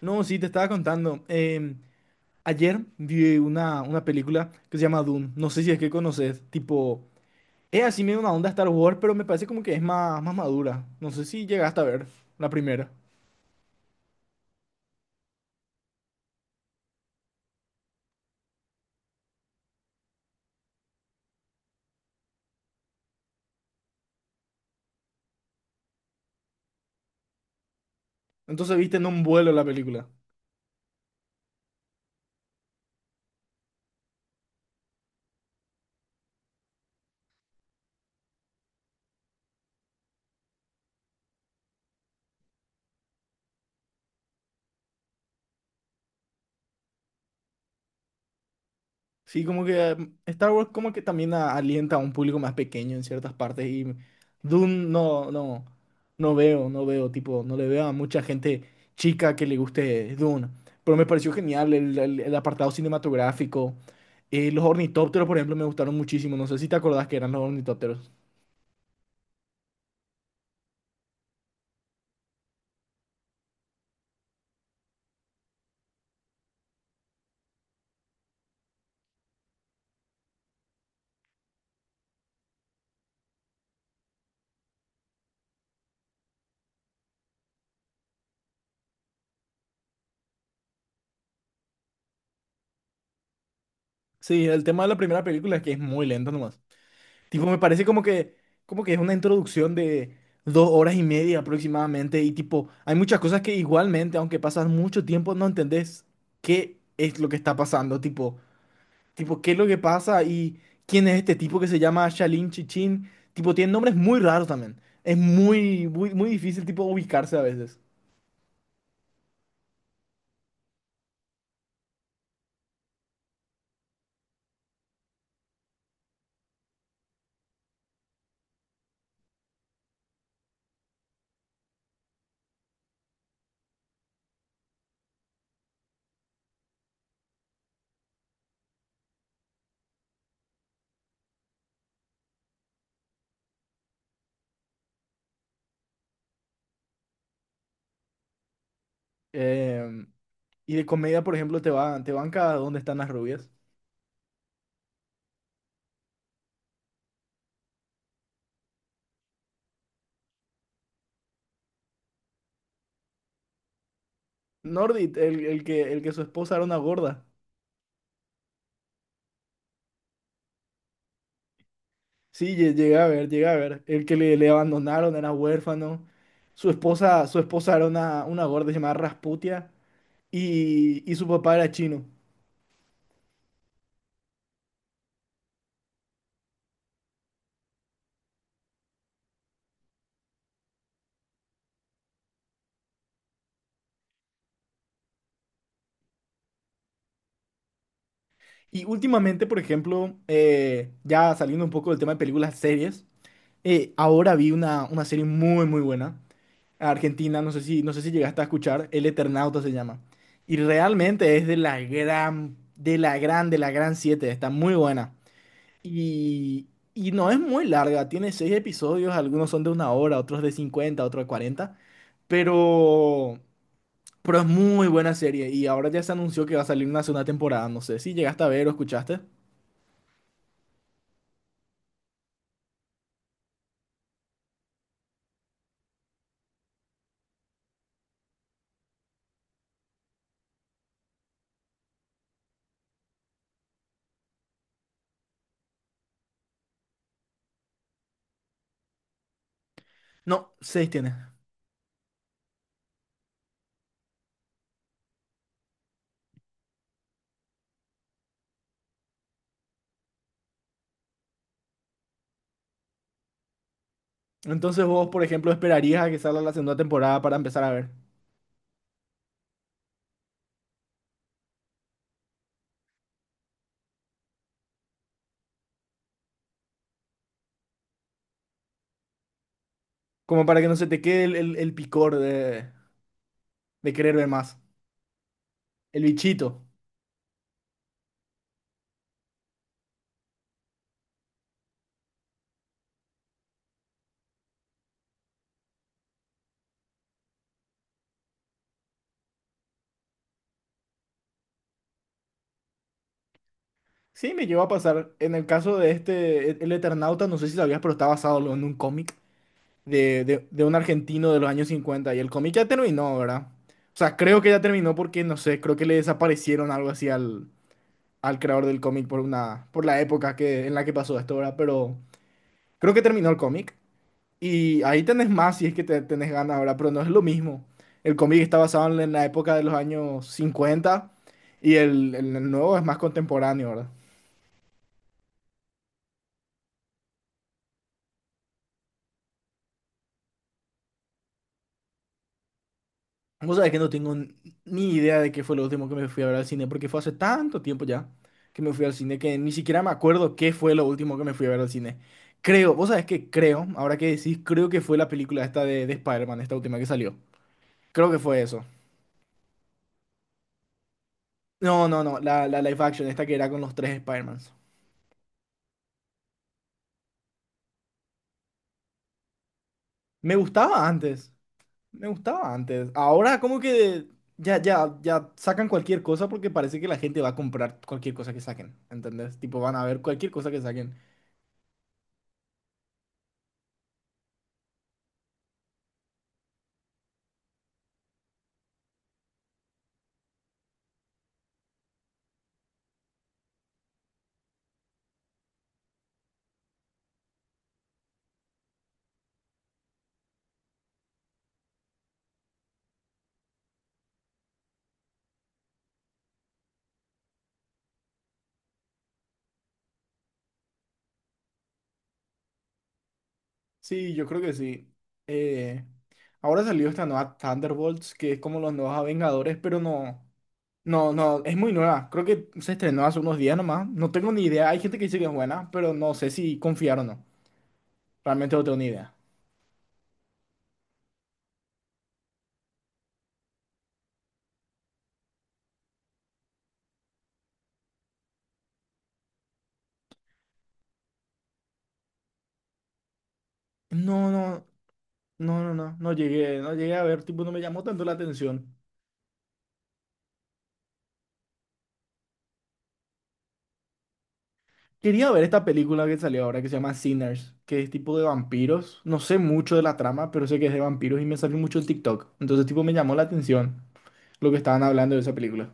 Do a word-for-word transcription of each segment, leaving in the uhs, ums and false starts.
No, sí, te estaba contando. Eh, ayer vi una, una película que se llama Dune. No sé si es que conoces. Tipo, es así medio una onda Star Wars, pero me parece como que es más, más madura. No sé si llegaste a ver la primera. Entonces viste en un vuelo la película. Sí, como que mm, Star Wars como que también a- alienta a un público más pequeño en ciertas partes, y Dune no, no, no veo, no veo, tipo, no le veo a mucha gente chica que le guste Dune. Pero me pareció genial el, el- el apartado cinematográfico. Eh, los ornitópteros, por ejemplo, me gustaron muchísimo. No sé si te acordás que eran los ornitópteros. Sí, el tema de la primera película es que es muy lento nomás. Tipo, me parece como que, como que es una introducción de dos horas y media aproximadamente. Y tipo, hay muchas cosas que igualmente, aunque pasas mucho tiempo, no entendés qué es lo que está pasando. Tipo, tipo, qué es lo que pasa y quién es este tipo que se llama Shalin Chichin. Tipo, tiene nombres muy raros también. Es muy, muy, muy difícil, tipo, ubicarse a veces. Em, y de comedia, por ejemplo, te van, te banca ¿Dónde están las rubias? Nordit, el, el que, el que su esposa era una gorda. Sí, lle- llegué a ver, llegué a ver. El que le, le abandonaron era huérfano. Su esposa, su esposa era una, una gorda llamada Rasputia y, y su papá era chino. Y últimamente, por ejemplo, eh, ya saliendo un poco del tema de películas, series, eh, ahora vi una, una serie muy, muy buena. Argentina, no sé si, no sé si llegaste a escuchar, El Eternauta se llama. Y realmente es de la gran, de la gran, de la gran siete, está muy buena. Y, y no es muy larga, tiene seis episodios, algunos son de una hora, otros de cincuenta, otros de cuarenta, pero, pero es muy buena serie y ahora ya se anunció que va a salir una segunda temporada, no sé si llegaste a ver o escuchaste. No, seis tiene. Entonces vos, por ejemplo, esperarías a que salga la segunda temporada para empezar a ver, como para que no se te quede el, el- el picor de, de querer ver más, el bichito. Sí, me llegó a pasar. En el caso de este, El Eternauta, no sé si sabías, pero está basado en un cómic de, de- de un argentino de los años cincuenta, y el cómic ya terminó, ¿verdad? O sea, creo que ya terminó porque, no sé, creo que le desaparecieron algo así al, al creador del cómic por una, por la época que, en la que pasó esto, ¿verdad? Pero creo que terminó el cómic, y ahí tenés más si es que te, tenés ganas, ¿verdad? Pero no es lo mismo. El cómic está basado en la época de los años cincuenta, y el, el nuevo es más contemporáneo, ¿verdad? Vos sabés que no tengo ni idea de qué fue lo último que me fui a ver al cine, porque fue hace tanto tiempo ya que me fui al cine que ni siquiera me acuerdo qué fue lo último que me fui a ver al cine. Creo, vos sabés que creo, ahora que decís, creo que fue la película esta de, de Spider-Man, esta última que salió. Creo que fue eso. No, no, no, la, la live action, esta que era con los tres Spider-Mans. Me gustaba antes, me gustaba antes. Ahora como que ya, ya, ya sacan cualquier cosa porque parece que la gente va a comprar cualquier cosa que saquen, ¿entendés? Tipo, van a ver cualquier cosa que saquen. Sí, yo creo que sí. Eh, ahora salió esta nueva Thunderbolts, que es como los nuevos Vengadores, pero no, no, no, es muy nueva. Creo que se estrenó hace unos días nomás. No tengo ni idea. Hay gente que dice que es buena, pero no sé si confiar o no. Realmente no tengo ni idea. No, no, no, no, no, no llegué, no llegué a ver, tipo, no me llamó tanto la atención. Quería ver esta película que salió ahora que se llama Sinners, que es tipo de vampiros. No sé mucho de la trama, pero sé que es de vampiros y me salió mucho el TikTok. Entonces, tipo, me llamó la atención lo que estaban hablando de esa película.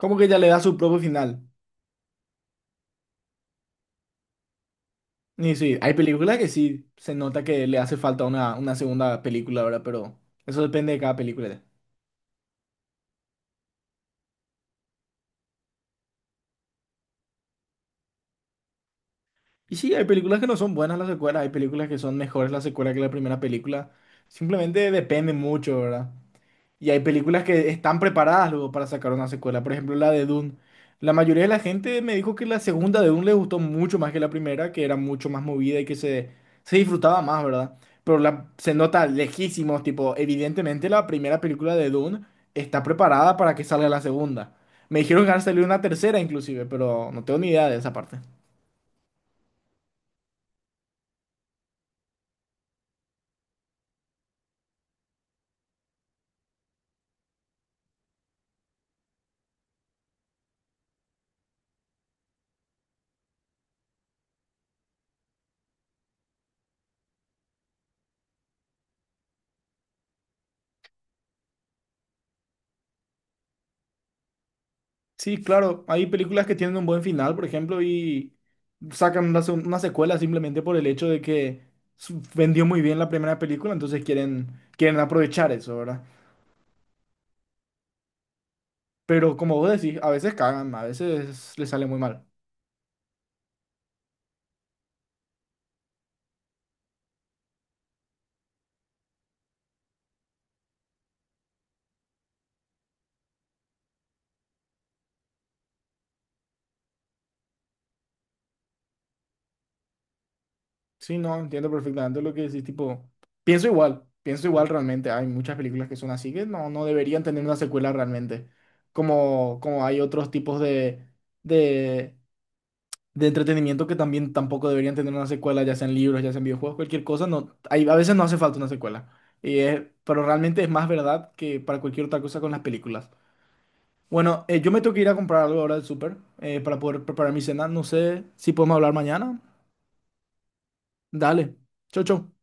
Como que ya le da su propio final. Y sí, hay películas que sí se nota que le hace falta una, una segunda película, ¿verdad? Pero eso depende de cada película. Y sí, hay películas que no son buenas las secuelas, hay películas que son mejores las secuelas que la primera película. Simplemente depende mucho, ¿verdad? Y hay películas que están preparadas luego para sacar una secuela. Por ejemplo, la de Dune. La mayoría de la gente me dijo que la segunda de Dune le gustó mucho más que la primera, que era mucho más movida y que se, se disfrutaba más, ¿verdad? Pero la, se nota lejísimos, tipo, evidentemente la primera película de Dune está preparada para que salga la segunda. Me dijeron que van a salir una tercera inclusive, pero no tengo ni idea de esa parte. Sí, claro, hay películas que tienen un buen final, por ejemplo, y sacan una, se- una secuela simplemente por el hecho de que su- vendió muy bien la primera película, entonces quieren, quieren aprovechar eso, ¿verdad? Pero como vos decís, a veces cagan, a veces les sale muy mal. Sí, no, entiendo perfectamente lo que decís, tipo, pienso igual, pienso igual realmente, hay muchas películas que son así que no, no deberían tener una secuela realmente, como, como hay otros tipos de... de de entretenimiento que también tampoco deberían tener una secuela, ya sean libros, ya sean videojuegos, cualquier cosa, no, hay, a veces no hace falta una secuela. Y es- pero realmente es más verdad que para cualquier otra cosa con las películas. Bueno, eh, yo me tengo que ir a comprar algo ahora del súper, eh, para poder preparar mi cena. No sé si podemos hablar mañana. Dale. Chau, chau.